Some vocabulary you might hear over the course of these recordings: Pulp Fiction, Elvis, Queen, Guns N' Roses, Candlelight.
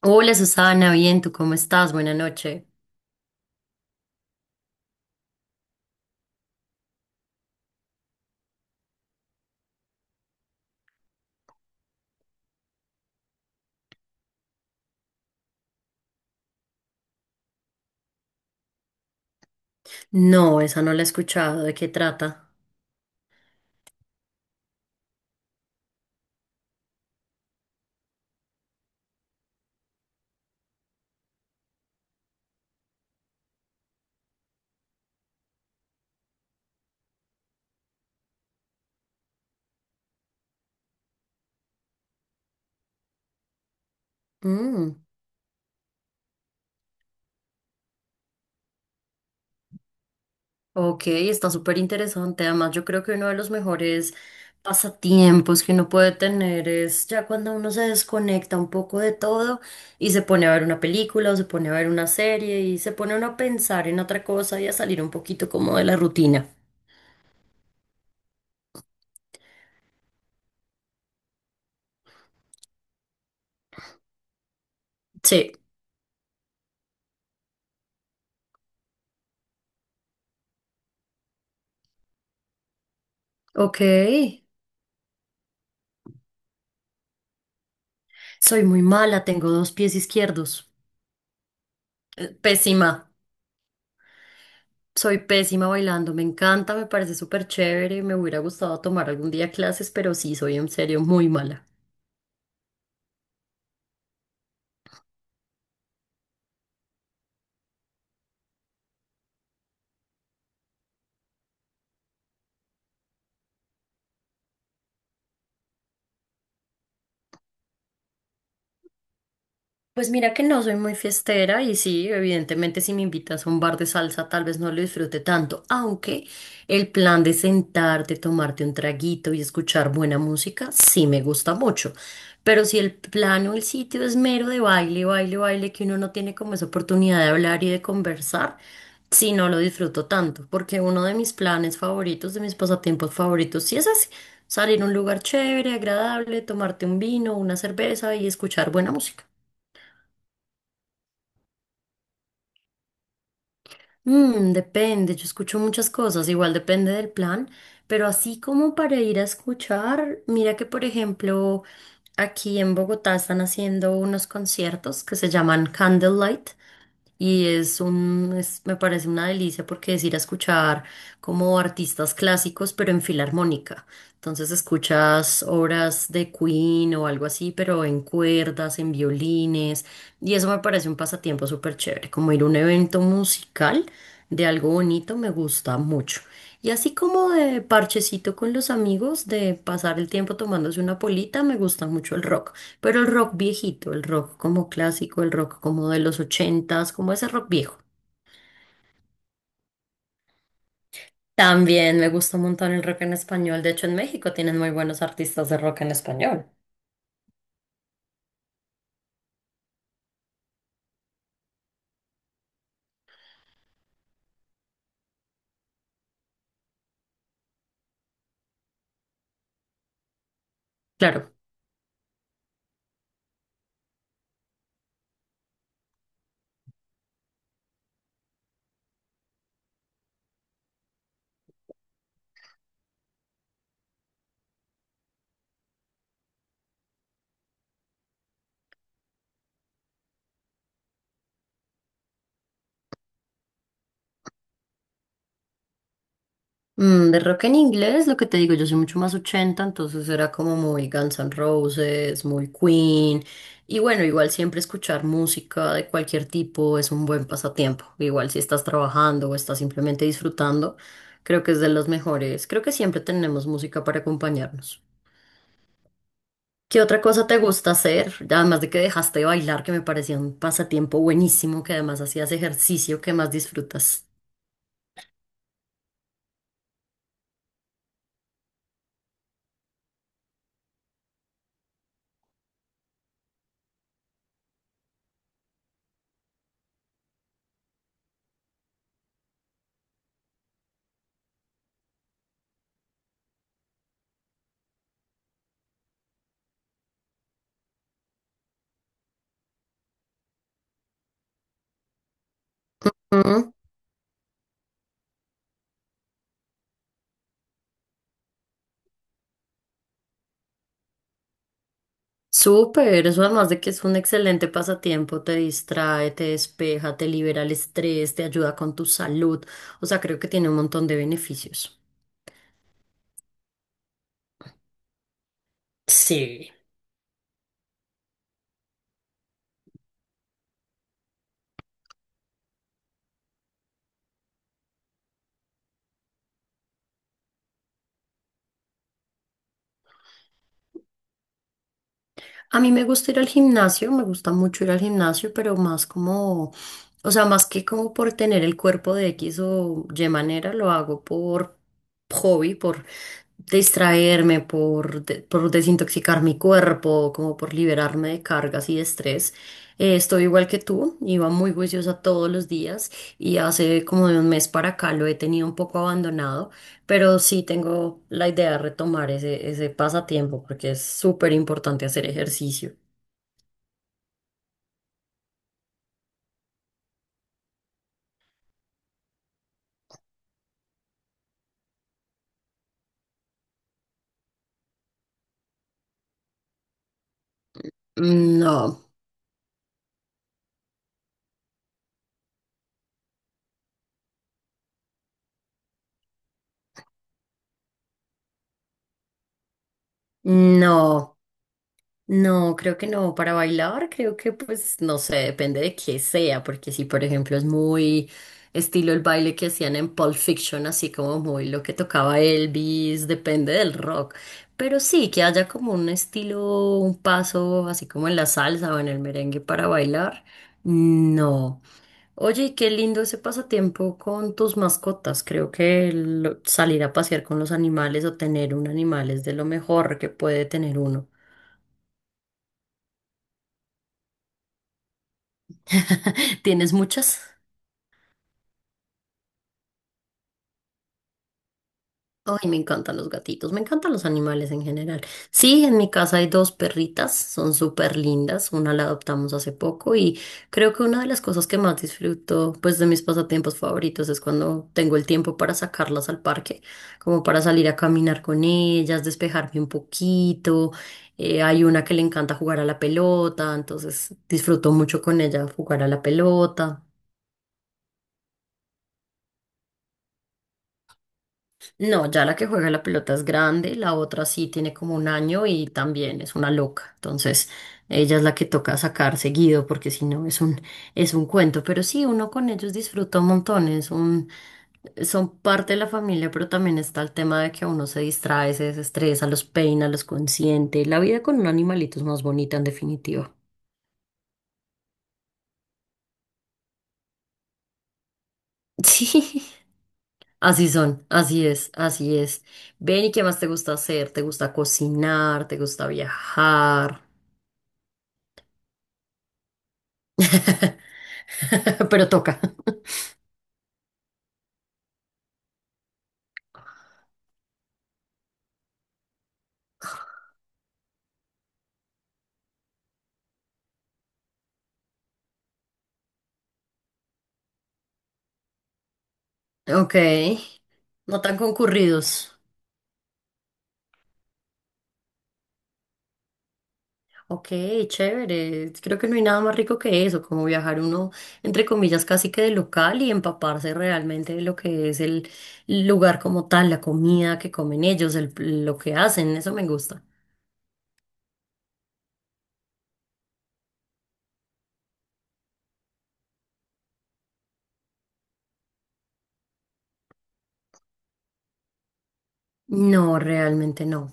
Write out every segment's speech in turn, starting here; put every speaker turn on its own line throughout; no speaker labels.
Hola Susana, bien, ¿tú cómo estás? Buena noche. No, esa no la he escuchado. ¿De qué trata? Mm, ok, está súper interesante. Además, yo creo que uno de los mejores pasatiempos que uno puede tener es ya cuando uno se desconecta un poco de todo y se pone a ver una película o se pone a ver una serie y se pone uno a pensar en otra cosa y a salir un poquito como de la rutina. Sí, ok. Soy muy mala, tengo dos pies izquierdos. Pésima. Soy pésima bailando, me encanta, me parece súper chévere, me hubiera gustado tomar algún día clases, pero sí, soy en serio muy mala. Pues mira que no soy muy fiestera y sí, evidentemente si me invitas a un bar de salsa tal vez no lo disfrute tanto, aunque el plan de sentarte, tomarte un traguito y escuchar buena música sí me gusta mucho. Pero si el plan o el sitio es mero de baile, baile, baile, que uno no tiene como esa oportunidad de hablar y de conversar, sí no lo disfruto tanto, porque uno de mis planes favoritos, de mis pasatiempos favoritos, sí es así, salir a un lugar chévere, agradable, tomarte un vino, una cerveza y escuchar buena música. Mm, depende, yo escucho muchas cosas, igual depende del plan, pero así como para ir a escuchar, mira que por ejemplo aquí en Bogotá están haciendo unos conciertos que se llaman Candlelight. Y es me parece una delicia porque es ir a escuchar como artistas clásicos, pero en filarmónica. Entonces escuchas obras de Queen o algo así, pero en cuerdas, en violines. Y eso me parece un pasatiempo súper chévere. Como ir a un evento musical de algo bonito me gusta mucho. Y así como de parchecito con los amigos, de pasar el tiempo tomándose una polita, me gusta mucho el rock. Pero el rock viejito, el rock como clásico, el rock como de los ochentas, como ese rock viejo. También me gusta un montón el rock en español. De hecho, en México tienen muy buenos artistas de rock en español. Claro. Mm, de rock en inglés, lo que te digo, yo soy mucho más ochenta, entonces era como muy Guns N' Roses, muy Queen. Y bueno, igual siempre escuchar música de cualquier tipo es un buen pasatiempo. Igual si estás trabajando o estás simplemente disfrutando, creo que es de los mejores. Creo que siempre tenemos música para acompañarnos. ¿Qué otra cosa te gusta hacer? Además de que dejaste de bailar, que me parecía un pasatiempo buenísimo, que además hacías ejercicio, que más disfrutas? Mm. Súper, eso además de que es un excelente pasatiempo, te distrae, te despeja, te libera el estrés, te ayuda con tu salud, o sea, creo que tiene un montón de beneficios. Sí. A mí me gusta ir al gimnasio, me gusta mucho ir al gimnasio, pero más como, o sea, más que como por tener el cuerpo de X o Y manera, lo hago por hobby, por distraerme, por desintoxicar mi cuerpo, como por liberarme de cargas y de estrés. Estoy igual que tú, iba muy juiciosa todos los días y hace como de un mes para acá lo he tenido un poco abandonado. Pero sí tengo la idea de retomar ese pasatiempo porque es súper importante hacer ejercicio. No, no, no, creo que no. Para bailar, creo que pues no sé, depende de qué sea, porque si por ejemplo es muy estilo el baile que hacían en Pulp Fiction, así como muy lo que tocaba Elvis, depende del rock. Pero sí, que haya como un estilo, un paso, así como en la salsa o en el merengue para bailar. No. Oye, y qué lindo ese pasatiempo con tus mascotas. Creo que el salir a pasear con los animales o tener un animal es de lo mejor que puede tener uno. ¿Tienes muchas? Ay, me encantan los gatitos, me encantan los animales en general. Sí, en mi casa hay dos perritas, son súper lindas, una la adoptamos hace poco y creo que una de las cosas que más disfruto, pues de mis pasatiempos favoritos es cuando tengo el tiempo para sacarlas al parque, como para salir a caminar con ellas, despejarme un poquito. Hay una que le encanta jugar a la pelota, entonces disfruto mucho con ella jugar a la pelota. No, ya la que juega la pelota es grande, la otra sí tiene como un año y también es una loca. Entonces, ella es la que toca sacar seguido porque si no es un, es un cuento. Pero sí, uno con ellos disfruta un montón, son parte de la familia, pero también está el tema de que uno se distrae, se desestresa, los peina, los consiente. La vida con un animalito es más bonita en definitiva. Sí, así son, así es, así es. Ven, ¿y qué más te gusta hacer? ¿Te gusta cocinar? ¿Te gusta viajar? Pero toca. Ok, no tan concurridos. Ok, chévere. Creo que no hay nada más rico que eso, como viajar uno, entre comillas, casi que de local y empaparse realmente de lo que es el lugar como tal, la comida que comen ellos, lo que hacen, eso me gusta. No, realmente no.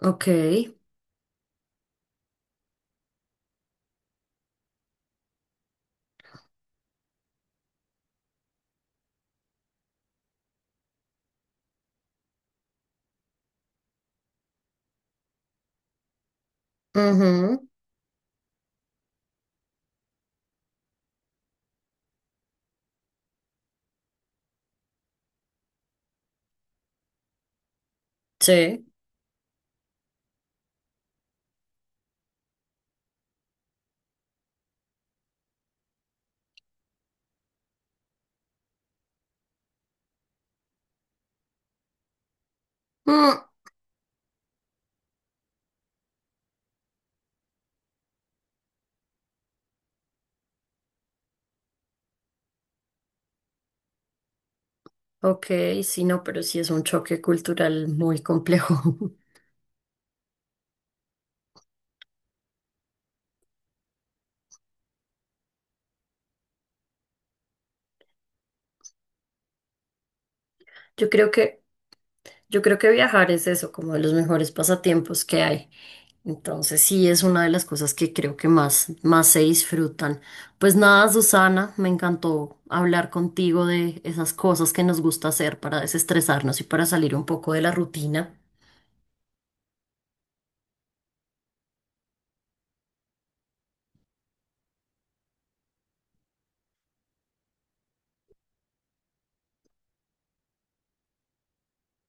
Ok. Ujú. Sí. Mm, ok, sí, no, pero sí es un choque cultural muy complejo. Yo creo que, yo creo que viajar es eso, como de los mejores pasatiempos que hay. Entonces sí es una de las cosas que creo que más, más se disfrutan. Pues nada, Susana, me encantó hablar contigo de esas cosas que nos gusta hacer para desestresarnos y para salir un poco de la rutina.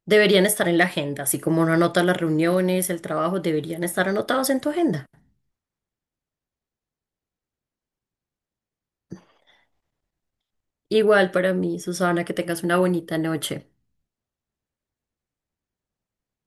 Deberían estar en la agenda, así como uno anota las reuniones, el trabajo, deberían estar anotados en tu agenda. Igual para mí, Susana, que tengas una bonita noche.